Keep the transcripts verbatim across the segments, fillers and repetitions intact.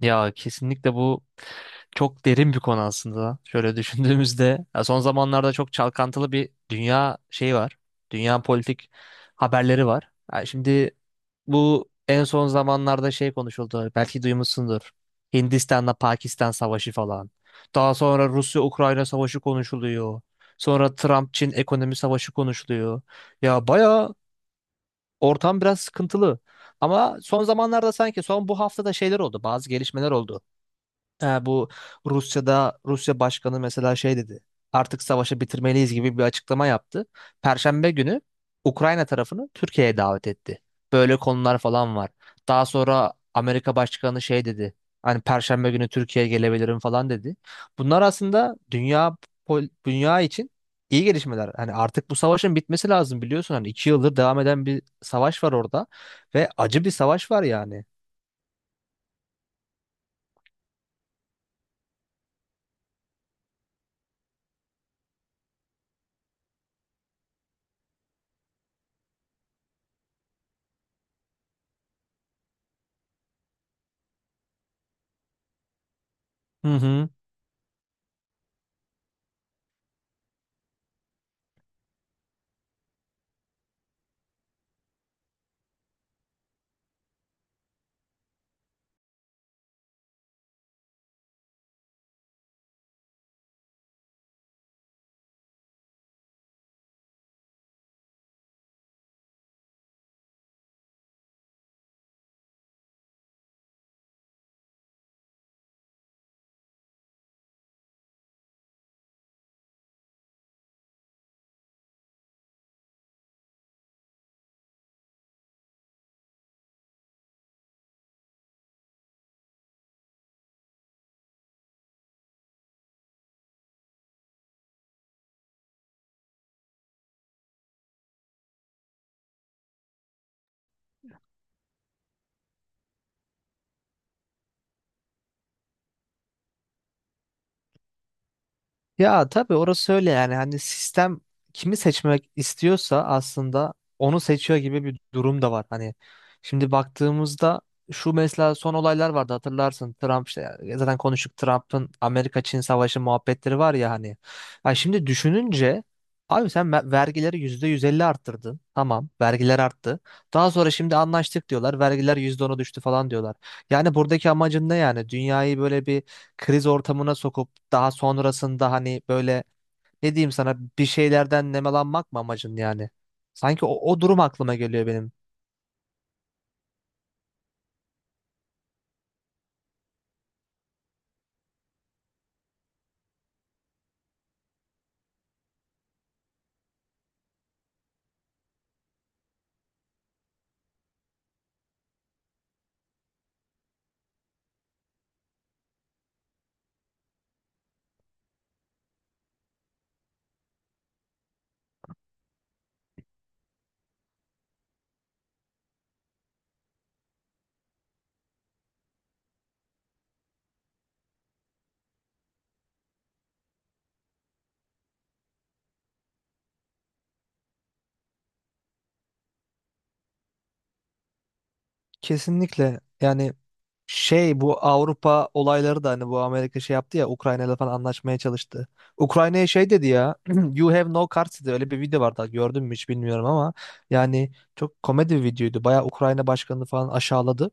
Ya kesinlikle bu çok derin bir konu aslında. Şöyle düşündüğümüzde ya son zamanlarda çok çalkantılı bir dünya şeyi var. Dünya politik haberleri var. Ya şimdi bu en son zamanlarda şey konuşuldu. Belki duymuşsundur. Hindistan'la Pakistan savaşı falan. Daha sonra Rusya-Ukrayna savaşı konuşuluyor. Sonra Trump-Çin ekonomi savaşı konuşuluyor. Ya baya ortam biraz sıkıntılı. Ama son zamanlarda sanki son bu haftada şeyler oldu. Bazı gelişmeler oldu. Ha, bu Rusya'da Rusya Başkanı mesela şey dedi. Artık savaşı bitirmeliyiz gibi bir açıklama yaptı. Perşembe günü Ukrayna tarafını Türkiye'ye davet etti. Böyle konular falan var. Daha sonra Amerika Başkanı şey dedi. Hani Perşembe günü Türkiye'ye gelebilirim falan dedi. Bunlar aslında dünya pol- dünya için iyi gelişmeler. Hani artık bu savaşın bitmesi lazım biliyorsun. Hani iki yıldır devam eden bir savaş var orada ve acı bir savaş var yani. Hı hı. Ya tabii orası öyle yani hani sistem kimi seçmek istiyorsa aslında onu seçiyor gibi bir durum da var. Hani şimdi baktığımızda şu mesela son olaylar vardı hatırlarsın, Trump işte zaten konuştuk, Trump'ın Amerika-Çin savaşı muhabbetleri var ya hani. Ya şimdi düşününce abi sen me- vergileri yüzde yüz elli arttırdın, tamam, vergiler arttı. Daha sonra şimdi anlaştık diyorlar, vergiler yüzde ona düştü falan diyorlar. Yani buradaki amacın ne yani, dünyayı böyle bir kriz ortamına sokup daha sonrasında hani böyle ne diyeyim sana, bir şeylerden nemalanmak mı amacın yani? Sanki o, o durum aklıma geliyor benim. Kesinlikle yani, şey, bu Avrupa olayları da hani, bu Amerika şey yaptı ya, Ukrayna falan anlaşmaya çalıştı. Ukrayna'ya şey dedi ya You have no cards dedi, öyle bir video vardı, gördün mü hiç bilmiyorum ama yani çok komedi bir videoydu. Bayağı Ukrayna başkanını falan aşağıladı.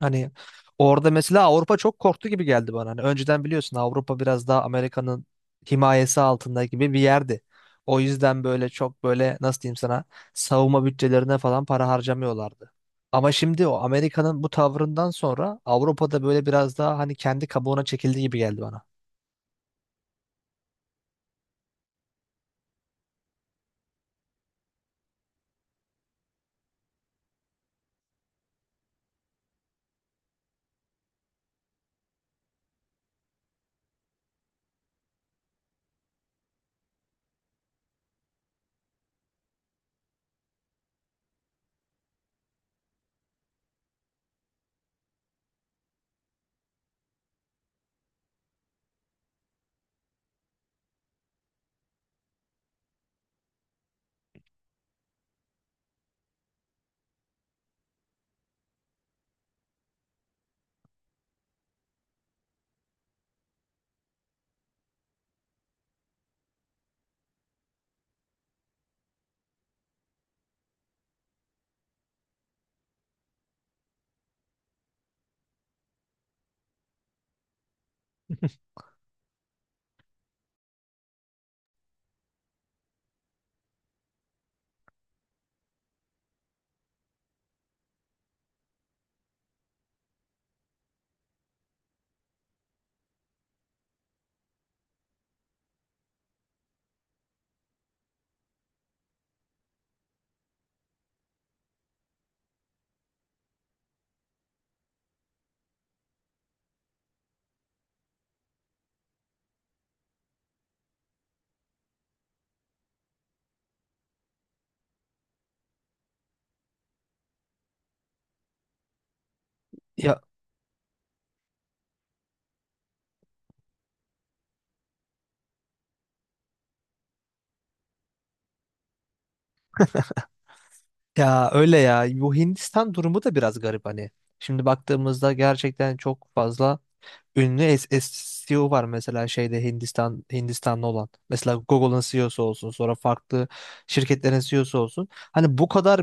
Hani orada mesela Avrupa çok korktu gibi geldi bana. Hani önceden biliyorsun, Avrupa biraz daha Amerika'nın himayesi altında gibi bir yerdi. O yüzden böyle çok böyle nasıl diyeyim sana, savunma bütçelerine falan para harcamıyorlardı. Ama şimdi o Amerika'nın bu tavrından sonra Avrupa'da böyle biraz daha hani kendi kabuğuna çekildi gibi geldi bana. Ya, ya öyle ya. Bu Hindistan durumu da biraz garip hani. Şimdi baktığımızda gerçekten çok fazla ünlü S- S- C E O var mesela şeyde, Hindistan, Hindistanlı olan. Mesela Google'ın C E O'su olsun, sonra farklı şirketlerin C E O'su olsun. Hani bu kadar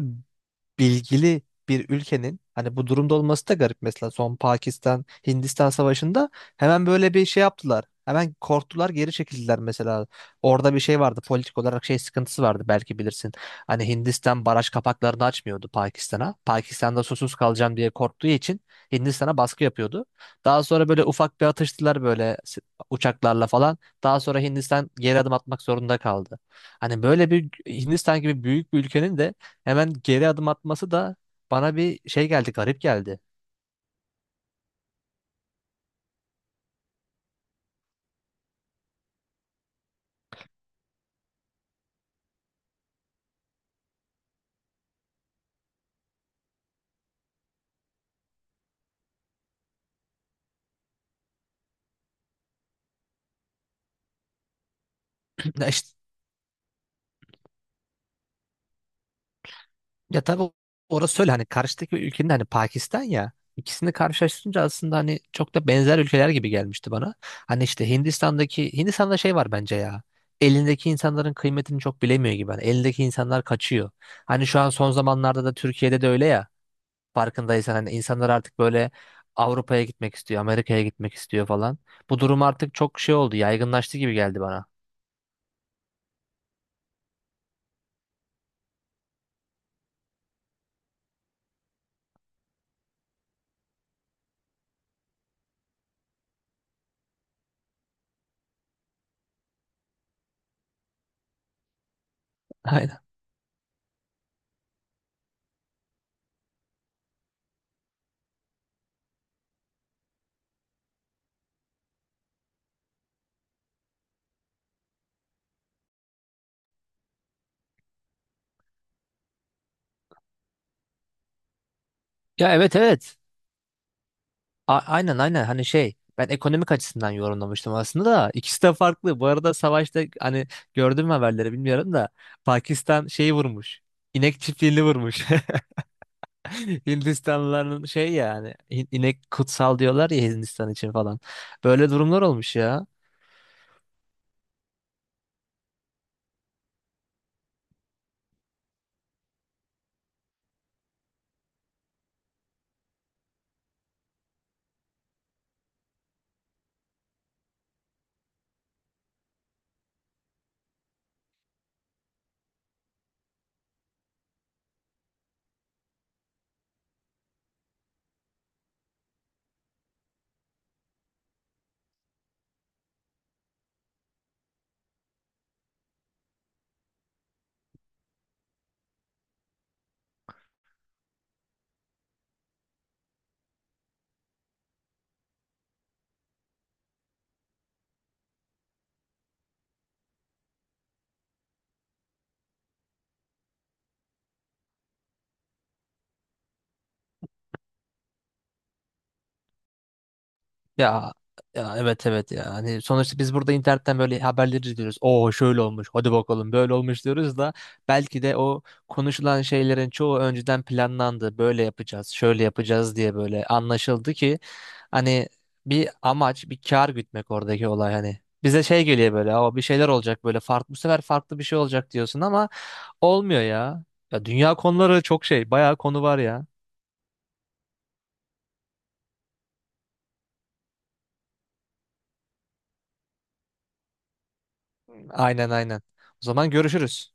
bilgili bir ülkenin hani bu durumda olması da garip. Mesela son Pakistan Hindistan savaşında hemen böyle bir şey yaptılar. Hemen korktular, geri çekildiler mesela. Orada bir şey vardı, politik olarak şey sıkıntısı vardı, belki bilirsin. Hani Hindistan baraj kapaklarını açmıyordu Pakistan'a. Pakistan'da susuz kalacağım diye korktuğu için Hindistan'a baskı yapıyordu. Daha sonra böyle ufak bir atıştılar böyle s- uçaklarla falan. Daha sonra Hindistan geri adım atmak zorunda kaldı. Hani böyle bir Hindistan gibi büyük bir ülkenin de hemen geri adım atması da bana bir şey geldi, garip geldi. Ya, işte, ya tabii orası öyle hani karşıdaki ülkenin hani Pakistan ya, ikisini karşılaştırınca aslında hani çok da benzer ülkeler gibi gelmişti bana. Hani işte Hindistan'daki, Hindistan'da şey var bence ya. Elindeki insanların kıymetini çok bilemiyor gibi. Hani elindeki insanlar kaçıyor. Hani şu an son zamanlarda da Türkiye'de de öyle ya. Farkındaysan hani insanlar artık böyle Avrupa'ya gitmek istiyor, Amerika'ya gitmek istiyor falan. Bu durum artık çok şey oldu, yaygınlaştı gibi geldi bana. Ya, evet evet. A- aynen aynen. Hani şey, ben ekonomik açısından yorumlamıştım aslında, da ikisi de farklı. Bu arada savaşta, hani gördün mü haberleri bilmiyorum da, Pakistan şeyi vurmuş. İnek çiftliğini vurmuş. Hindistanlıların şey yani in- inek kutsal diyorlar ya, Hindistan için falan. Böyle durumlar olmuş ya. Ya, ya evet evet ya. Hani sonuçta biz burada internetten böyle haberleri izliyoruz. Oo, şöyle olmuş. Hadi bakalım, böyle olmuş diyoruz da belki de o konuşulan şeylerin çoğu önceden planlandı. Böyle yapacağız, şöyle yapacağız diye böyle anlaşıldı ki hani bir amaç, bir kar gütmek oradaki olay hani. Bize şey geliyor böyle, ama bir şeyler olacak böyle, farklı bu sefer, farklı bir şey olacak diyorsun ama olmuyor ya. Ya dünya konuları çok şey, bayağı konu var ya. Aynen aynen. O zaman görüşürüz.